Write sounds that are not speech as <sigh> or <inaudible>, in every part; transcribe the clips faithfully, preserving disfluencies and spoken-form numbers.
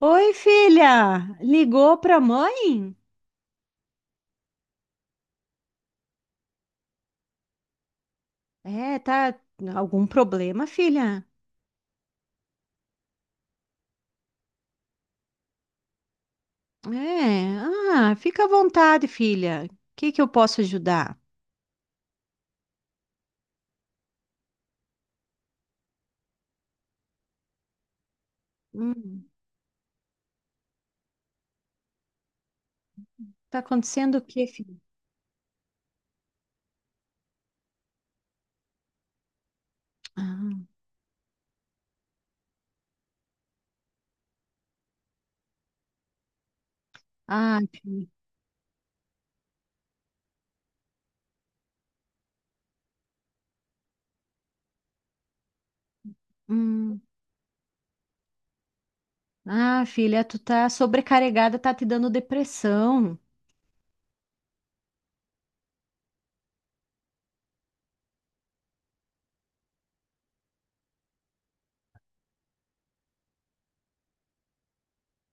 Oi, filha! Ligou pra mãe? É, tá algum problema, filha? É, ah, fica à vontade, filha. O que que eu posso ajudar? Hum, tá acontecendo o quê, filha? Ah, ah, filha. Hum, ah, filha, tu tá sobrecarregada, tá te dando depressão.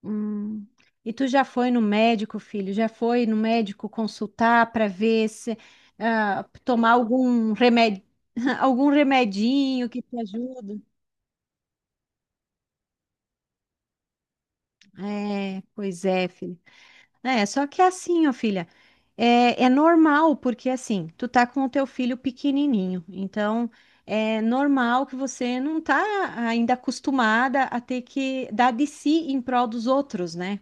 Hum. E tu já foi no médico, filho? Já foi no médico consultar para ver se ah, tomar algum remédio, <laughs> algum remedinho que te ajude? É, pois é, filho. É, só que é assim, ó, filha, é, é normal, porque assim, tu tá com o teu filho pequenininho, então é normal que você não tá ainda acostumada a ter que dar de si em prol dos outros, né?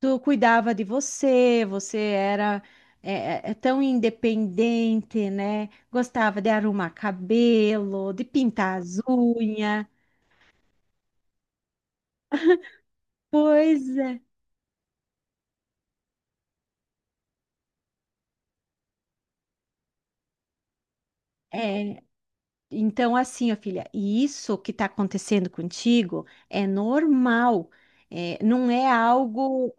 Tu cuidava de você, você era é, é, é tão independente, né? Gostava de arrumar cabelo, de pintar as unhas. Pois é. É, então, assim, ó, filha, e isso que está acontecendo contigo é normal, é, não é algo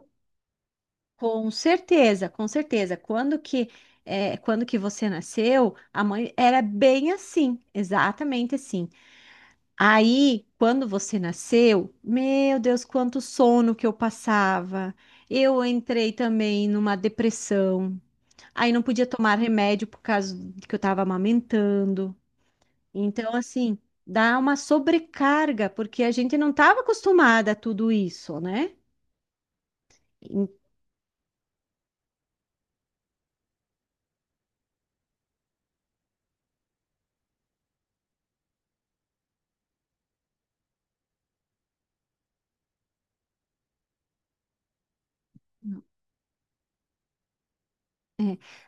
com certeza, com certeza. Quando que, é, quando que você nasceu, a mãe era bem assim, exatamente assim. Aí, quando você nasceu, meu Deus, quanto sono que eu passava. Eu entrei também numa depressão. Aí não podia tomar remédio por causa de que eu estava amamentando. Então, assim, dá uma sobrecarga, porque a gente não estava acostumada a tudo isso, né? E-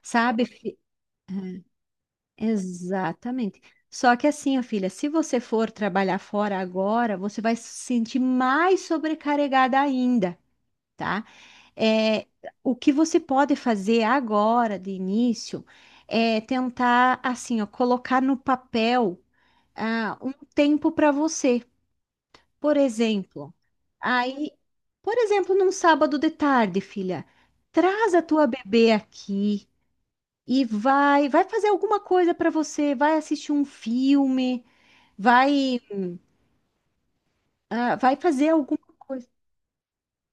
Sabe? Fi- Exatamente. Só que assim, ó, filha, se você for trabalhar fora agora, você vai se sentir mais sobrecarregada ainda. Tá? É, o que você pode fazer agora, de início, é tentar, assim, ó, colocar no papel, ah, um tempo para você. Por exemplo, aí, por exemplo, num sábado de tarde, filha, traz a tua bebê aqui e vai, vai fazer alguma coisa para você, vai assistir um filme, vai, ah, vai fazer alguma coisa.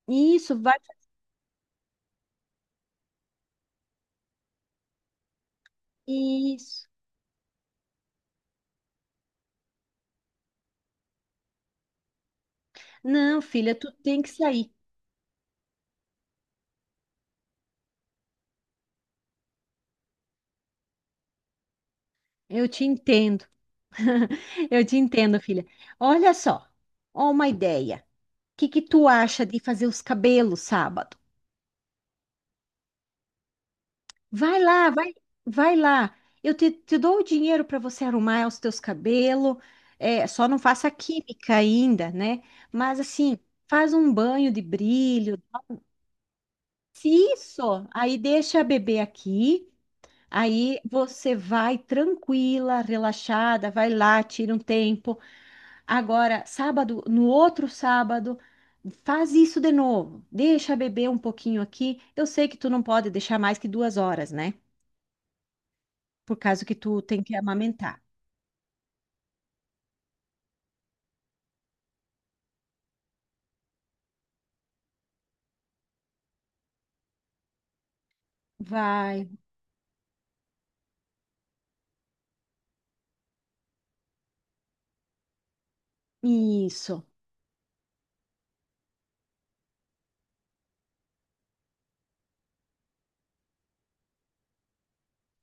Isso, vai, isso. Não, filha, tu tem que sair. Eu te entendo. Eu te entendo, filha. Olha só, ó uma ideia. O que que tu acha de fazer os cabelos sábado? Vai lá, vai, vai lá. Eu te, te dou o dinheiro para você arrumar os teus cabelos. É, só não faça química ainda, né? Mas assim, faz um banho de brilho. Se Isso, aí deixa a bebê aqui. Aí você vai tranquila, relaxada, vai lá, tira um tempo. Agora, sábado, no outro sábado, faz isso de novo. Deixa beber um pouquinho aqui. Eu sei que tu não pode deixar mais que duas horas, né? Por causa que tu tem que amamentar. Vai, isso.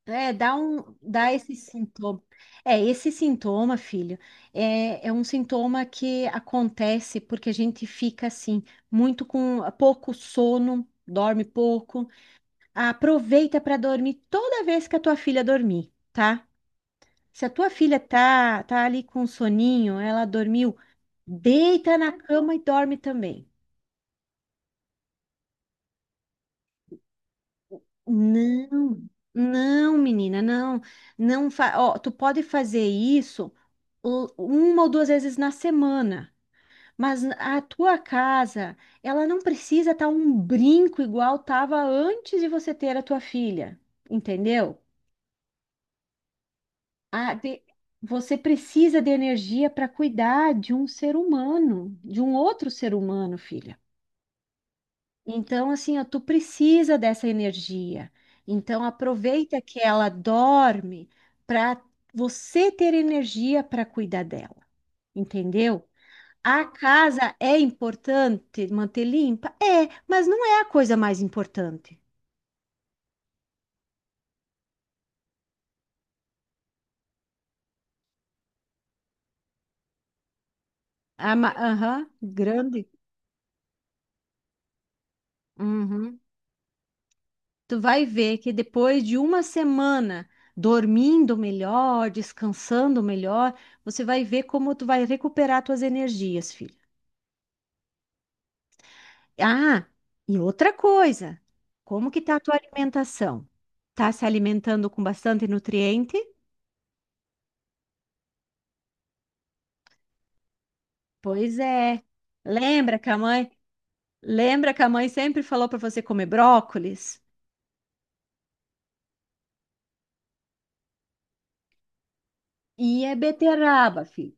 É, dá um, dá esse sintoma. É, esse sintoma, filho, é, é um sintoma que acontece porque a gente fica assim, muito com pouco sono, dorme pouco. Aproveita para dormir toda vez que a tua filha dormir, tá? Se a tua filha tá, tá ali com soninho, ela dormiu, deita na cama e dorme também. Não, não, menina, não, não, fa- ó, tu pode fazer isso u- uma ou duas vezes na semana, mas a tua casa, ela não precisa estar um brinco igual tava antes de você ter a tua filha, entendeu? A de- Você precisa de energia para cuidar de um ser humano, de um outro ser humano, filha. Então, assim, ó, tu precisa dessa energia. Então, aproveita que ela dorme para você ter energia para cuidar dela, entendeu? A casa é importante manter limpa? É, mas não é a coisa mais importante. A ma- Aham, grande. Uhum. Tu vai ver que depois de uma semana dormindo melhor, descansando melhor, você vai ver como tu vai recuperar tuas energias, filho. Ah, e outra coisa, como que tá a tua alimentação? Tá se alimentando com bastante nutriente? Pois é. Lembra que a mãe, lembra que a mãe sempre falou para você comer brócolis? E é beterraba, filho.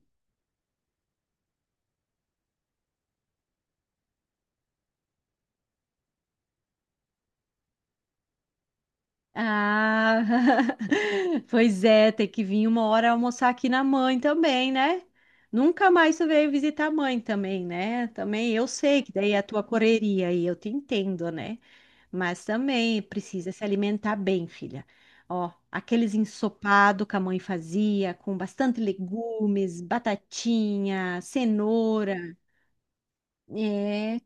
Ah, <laughs> pois é, tem que vir uma hora almoçar aqui na mãe também, né? Nunca mais tu veio visitar a mãe também, né? Também eu sei que daí é a tua correria e eu te entendo, né? Mas também precisa se alimentar bem, filha. Ó, aqueles ensopado que a mãe fazia, com bastante legumes, batatinha, cenoura. É.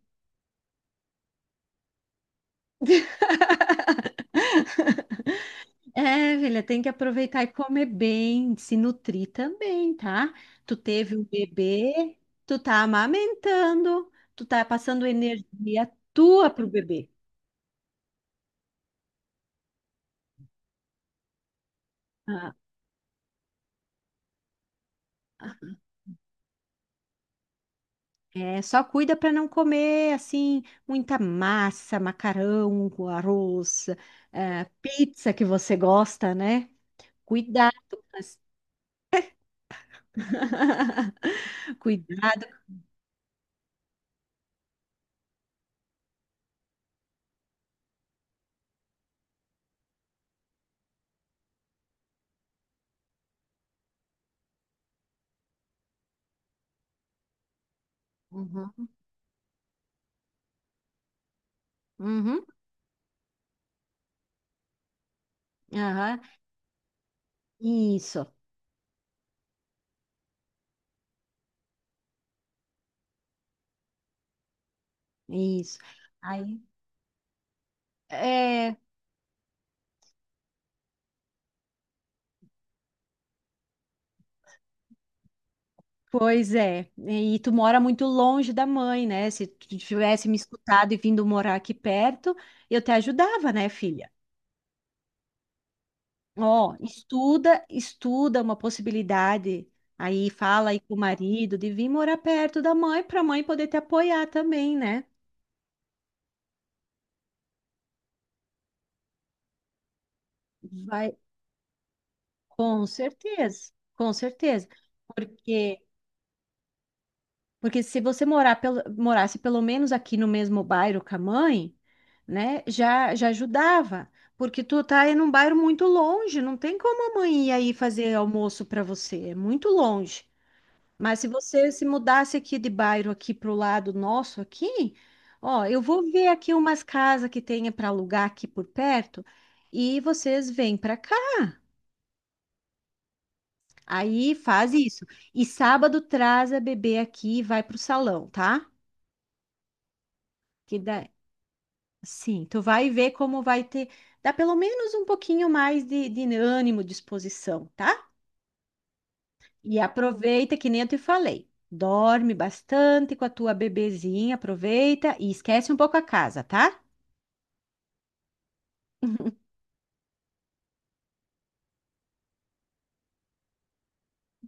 <laughs> É, filha, tem que aproveitar e comer bem, se nutrir também, tá? Tu teve um bebê, tu tá amamentando, tu tá passando energia tua pro bebê. Ah, é, só cuida para não comer assim muita massa, macarrão, arroz, eh, pizza que você gosta, né? Cuidado. Com as- <laughs> Cuidado. Uhum, uhum, aham. Isso, isso. Aí, é, Pois é, e tu mora muito longe da mãe, né? Se tu tivesse me escutado e vindo morar aqui perto, eu te ajudava, né, filha? Ó, estuda, estuda uma possibilidade. Aí fala aí com o marido de vir morar perto da mãe para a mãe poder te apoiar também, né? Vai, com certeza, com certeza. Porque Porque se você morar pelo- morasse pelo menos aqui no mesmo bairro com a mãe, né, já, já ajudava. Porque tu tá em um bairro muito longe, não tem como a mãe ir aí fazer almoço para você, é muito longe. Mas se você se mudasse aqui de bairro aqui pro lado nosso aqui, ó, eu vou ver aqui umas casas que tenha para alugar aqui por perto e vocês vêm para cá. Aí faz isso. E sábado traz a bebê aqui e vai pro salão, tá? Que dá. Sim, tu vai ver como vai ter, dá pelo menos um pouquinho mais de, de ânimo, disposição, tá? E aproveita, que nem eu te falei, dorme bastante com a tua bebezinha, aproveita e esquece um pouco a casa, tá?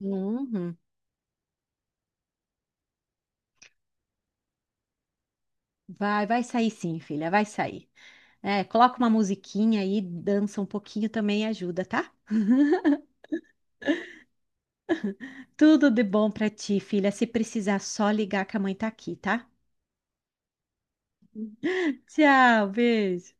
Uhum. Vai, vai sair sim, filha, vai sair. É, coloca uma musiquinha aí, dança um pouquinho também ajuda, tá? Tudo de bom pra ti, filha. Se precisar, só ligar que a mãe tá aqui, tá? Tchau, beijo.